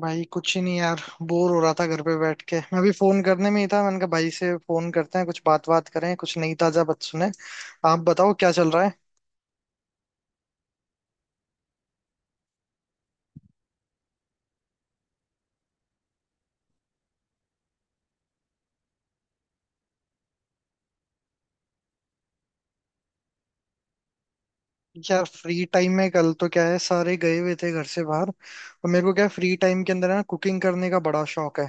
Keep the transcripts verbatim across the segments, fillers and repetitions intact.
भाई कुछ ही नहीं यार। बोर हो रहा था घर पे बैठ के, मैं भी फोन करने में ही था, मैंने कहा भाई से फोन करते हैं, कुछ बात बात करें, कुछ नई ताजा बात सुने। आप बताओ क्या चल रहा है। यार फ्री टाइम में कल तो क्या है, सारे गए हुए थे घर से बाहर, और मेरे को क्या है, फ्री टाइम के अंदर है ना, कुकिंग करने का बड़ा शौक है।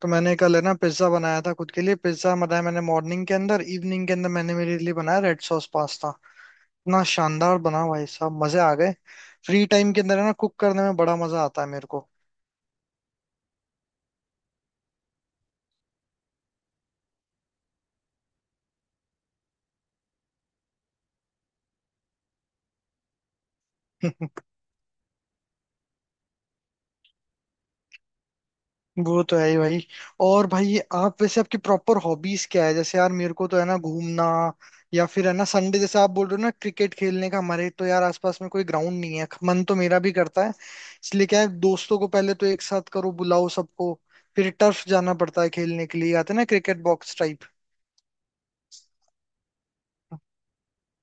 तो मैंने कल है ना पिज्जा बनाया था, खुद के लिए पिज्जा बनाया मैंने मॉर्निंग के अंदर। इवनिंग के अंदर मैंने मेरे लिए बनाया रेड सॉस पास्ता। इतना शानदार बना भाई साहब, मजे आ गए। फ्री टाइम के अंदर है ना, कुक करने में बड़ा मजा आता है मेरे को। वो तो है ही भाई। और भाई आप वैसे, आपकी प्रॉपर हॉबीज क्या है? जैसे यार मेरे को तो है ना घूमना, या फिर है ना संडे जैसे आप बोल रहे हो ना क्रिकेट खेलने का, हमारे तो यार आसपास में कोई ग्राउंड नहीं है, मन तो मेरा भी करता है, इसलिए क्या है दोस्तों को पहले तो एक साथ करो, बुलाओ सबको, फिर टर्फ जाना पड़ता है खेलने के लिए, आते हैं ना क्रिकेट बॉक्स टाइप।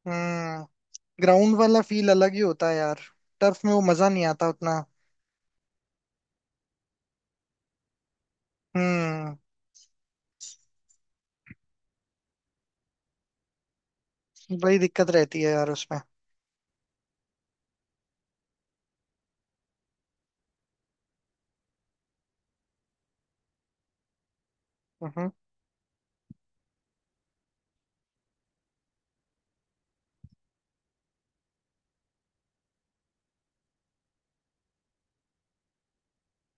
हम्म। ग्राउंड वाला फील अलग ही होता है यार। टर्फ में वो मजा नहीं आता उतना। हम्म। बड़ी दिक्कत रहती है यार उसमें। हम्म।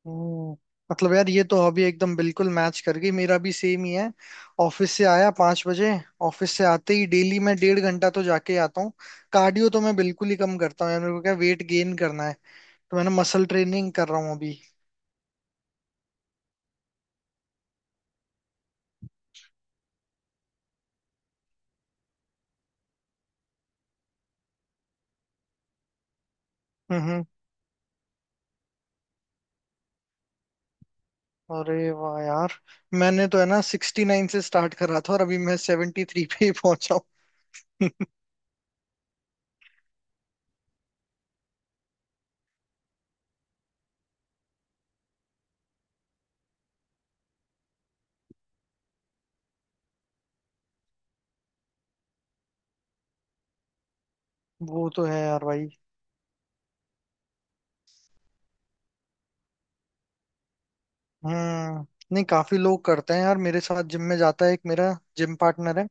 हम्म, मतलब यार ये तो हॉबी एकदम बिल्कुल मैच कर गई, मेरा भी सेम ही है। ऑफिस से आया पांच बजे, ऑफिस से आते ही डेली मैं डेढ़ घंटा तो जाके ही आता हूँ। कार्डियो तो मैं बिल्कुल ही कम करता हूँ यार, मेरे को क्या वेट गेन करना है, तो मैंने मसल ट्रेनिंग कर रहा हूँ अभी। हम्म हम्म। अरे वाह यार। मैंने तो है ना सिक्सटी नाइन से स्टार्ट करा था, और अभी मैं सेवेंटी थ्री पे ही पहुंचा हूँ। वो तो है यार भाई। हम्म। नहीं, काफी लोग करते हैं यार, मेरे साथ जिम में जाता है एक मेरा जिम पार्टनर है,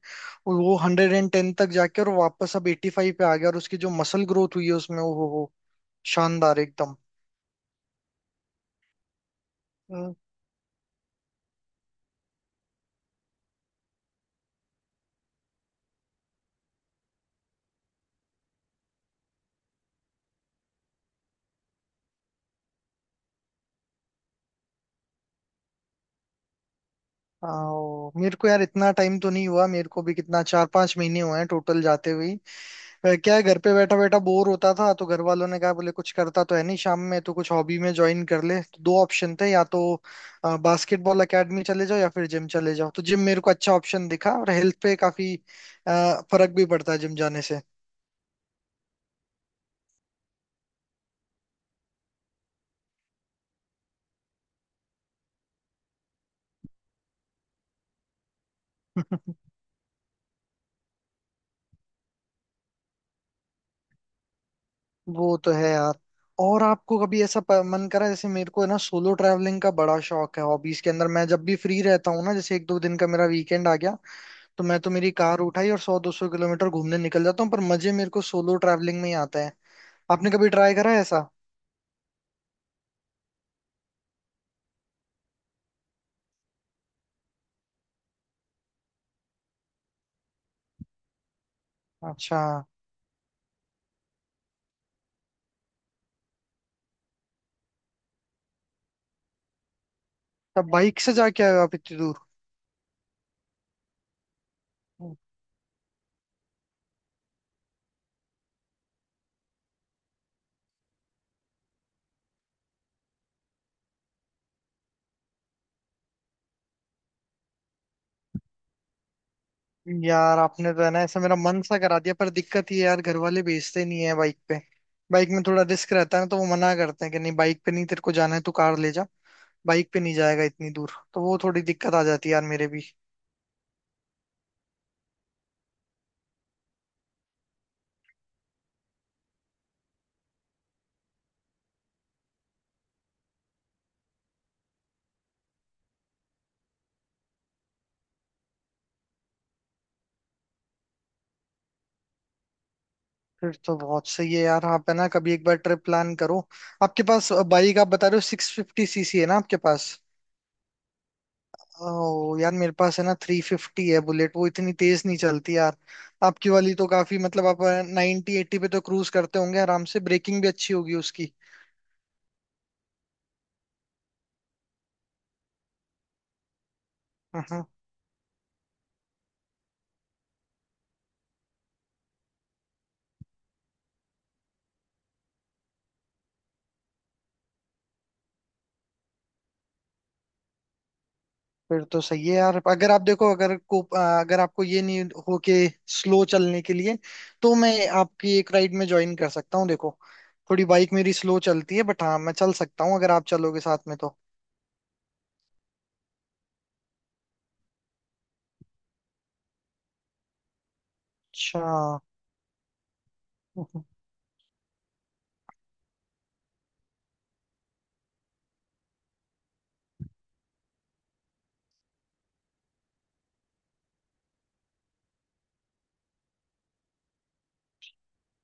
और वो हंड्रेड एंड टेन तक जाके और वापस अब एटी फाइव पे आ गया, और उसकी जो मसल ग्रोथ हुई है उसमें वो, वो वो शानदार एकदम। हम्म, आओ, मेरे को यार इतना टाइम तो नहीं हुआ, मेरे को भी कितना, चार पांच महीने हुए हैं टोटल जाते हुए। फिर क्या है घर पे बैठा बैठा बोर होता था, तो घर वालों ने कहा, बोले कुछ करता तो है नहीं शाम में, तो कुछ हॉबी में ज्वाइन कर ले, तो दो ऑप्शन थे, या तो बास्केटबॉल एकेडमी चले जाओ या फिर जिम चले जाओ, तो जिम मेरे को अच्छा ऑप्शन दिखा, और हेल्थ पे काफी अ, फर्क भी पड़ता है जिम जाने से। वो तो है यार। और आपको कभी ऐसा प- मन करा, जैसे मेरे को है ना सोलो ट्रैवलिंग का बड़ा शौक है, हॉबीज के अंदर मैं जब भी फ्री रहता हूँ ना, जैसे एक दो दिन का मेरा वीकेंड आ गया, तो मैं तो मेरी कार उठाई और सौ दो सौ किलोमीटर घूमने निकल जाता हूँ, पर मजे मेरे को सोलो ट्रैवलिंग में ही आता है। आपने कभी ट्राई करा है ऐसा? अच्छा, तब बाइक से जाके आए हो आप इतनी दूर? यार आपने तो है ना ऐसा मेरा मन सा करा दिया, पर दिक्कत ये है यार, घर वाले भेजते नहीं है बाइक पे, बाइक में थोड़ा रिस्क रहता है ना, तो वो मना करते हैं कि नहीं बाइक पे नहीं, तेरे को जाना है तू कार ले जा, बाइक पे नहीं जाएगा इतनी दूर, तो वो थोड़ी दिक्कत आ जाती है यार मेरे भी। फिर तो बहुत सही है यार, आप है ना कभी एक बार ट्रिप प्लान करो। आपके पास बाइक, आप बता रहे हो सिक्स फिफ्टी सीसी है ना आपके पास? ओ यार मेरे पास है ना थ्री फिफ्टी है बुलेट, वो इतनी तेज नहीं चलती यार। आपकी वाली तो काफी, मतलब आप नाइनटी एट्टी पे तो क्रूज करते होंगे आराम से, ब्रेकिंग भी अच्छी होगी उसकी। हाँ, फिर तो सही है यार। अगर आप देखो, अगर को आ, अगर आपको ये नहीं, हो के स्लो चलने के लिए, तो मैं आपकी एक राइड में ज्वाइन कर सकता हूँ, देखो थोड़ी बाइक मेरी स्लो चलती है, बट हाँ मैं चल सकता हूँ अगर आप चलोगे साथ में तो। अच्छा,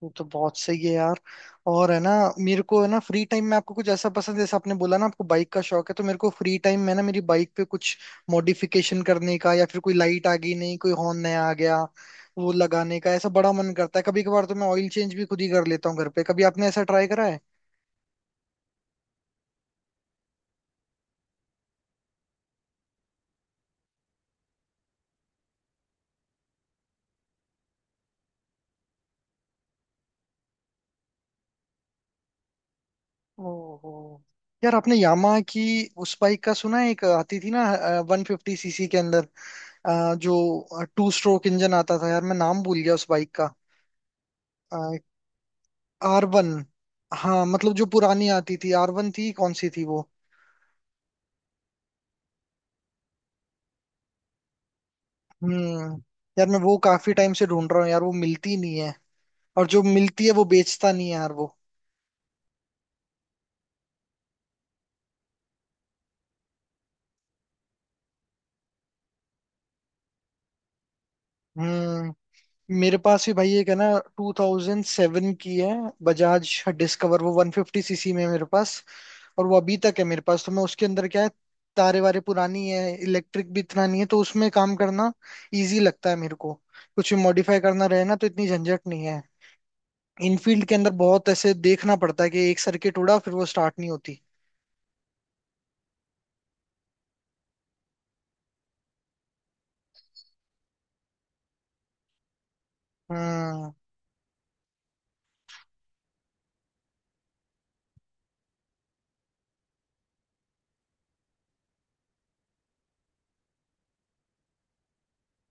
वो तो बहुत सही है यार। और है ना, मेरे को है ना फ्री टाइम में, आपको कुछ ऐसा पसंद है जैसे आपने बोला ना, आपको बाइक का शौक है, तो मेरे को फ्री टाइम में ना, मेरी बाइक पे कुछ मॉडिफिकेशन करने का, या फिर कोई लाइट आ गई, नहीं कोई हॉर्न नया आ गया वो लगाने का, ऐसा बड़ा मन करता है, कभी कभार तो मैं ऑयल चेंज भी खुद ही कर लेता हूँ घर पे, कभी आपने ऐसा ट्राई करा है? ओहो, यार आपने यामाहा की, उस बाइक का सुना है, एक आती थी ना वन फिफ्टी सीसी के अंदर, अ, जो टू स्ट्रोक इंजन आता था, यार मैं नाम भूल गया उस बाइक का। आर वन, हाँ मतलब जो पुरानी आती थी आर वन थी, कौन सी थी वो? हम्म। यार मैं वो काफी टाइम से ढूंढ रहा हूँ यार, वो मिलती नहीं है, और जो मिलती है वो बेचता नहीं है यार वो। हम्म। मेरे पास भी भाई एक है ना टू थाउज़ेंड सेवन की है, बजाज डिस्कवर, वो वन फिफ्टी सीसी में है मेरे पास, और वो अभी तक है मेरे पास, तो मैं उसके अंदर क्या है, तारे वारे पुरानी है, इलेक्ट्रिक भी इतना नहीं है, तो उसमें काम करना इजी लगता है मेरे को, कुछ भी मॉडिफाई करना रहे ना, तो इतनी झंझट नहीं है, इनफील्ड के अंदर बहुत ऐसे देखना पड़ता है कि एक सर्किट उड़ा फिर वो स्टार्ट नहीं होती। हम्म।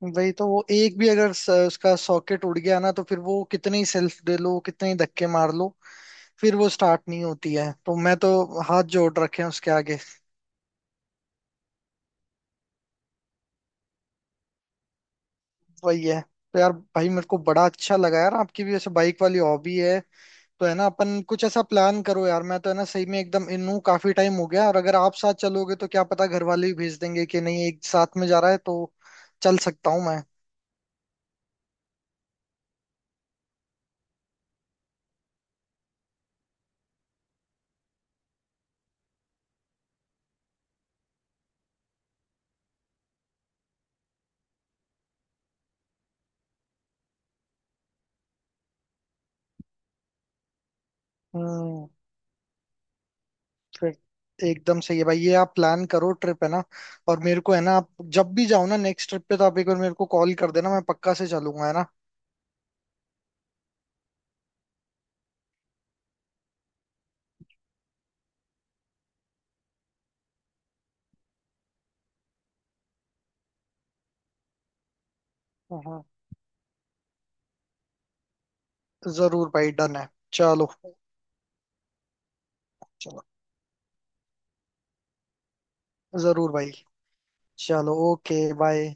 वही तो, वो एक भी अगर स, उसका सॉकेट उड़ गया ना, तो फिर वो कितने ही सेल्फ दे लो, कितने ही धक्के मार लो, फिर वो स्टार्ट नहीं होती है, तो मैं तो हाथ जोड़ रखे हैं उसके आगे। वही है। तो यार भाई मेरे को बड़ा अच्छा लगा यार, आपकी भी ऐसे बाइक वाली हॉबी है, तो है ना अपन कुछ ऐसा प्लान करो यार, मैं तो है ना सही में एकदम इन हूँ, काफी टाइम हो गया, और अगर आप साथ चलोगे तो क्या पता घर वाले भी भेज देंगे कि नहीं एक साथ में जा रहा है तो चल सकता हूँ मैं। हम्म। फिर एकदम सही है भाई, ये आप प्लान करो ट्रिप है ना, और मेरे को है ना, आप जब भी जाओ ना नेक्स्ट ट्रिप पे, तो आप एक बार मेरे को कॉल कर देना, मैं पक्का से चलूंगा है ना। हाँ जरूर भाई, डन है। चलो। चलो जरूर भाई। चलो ओके बाय।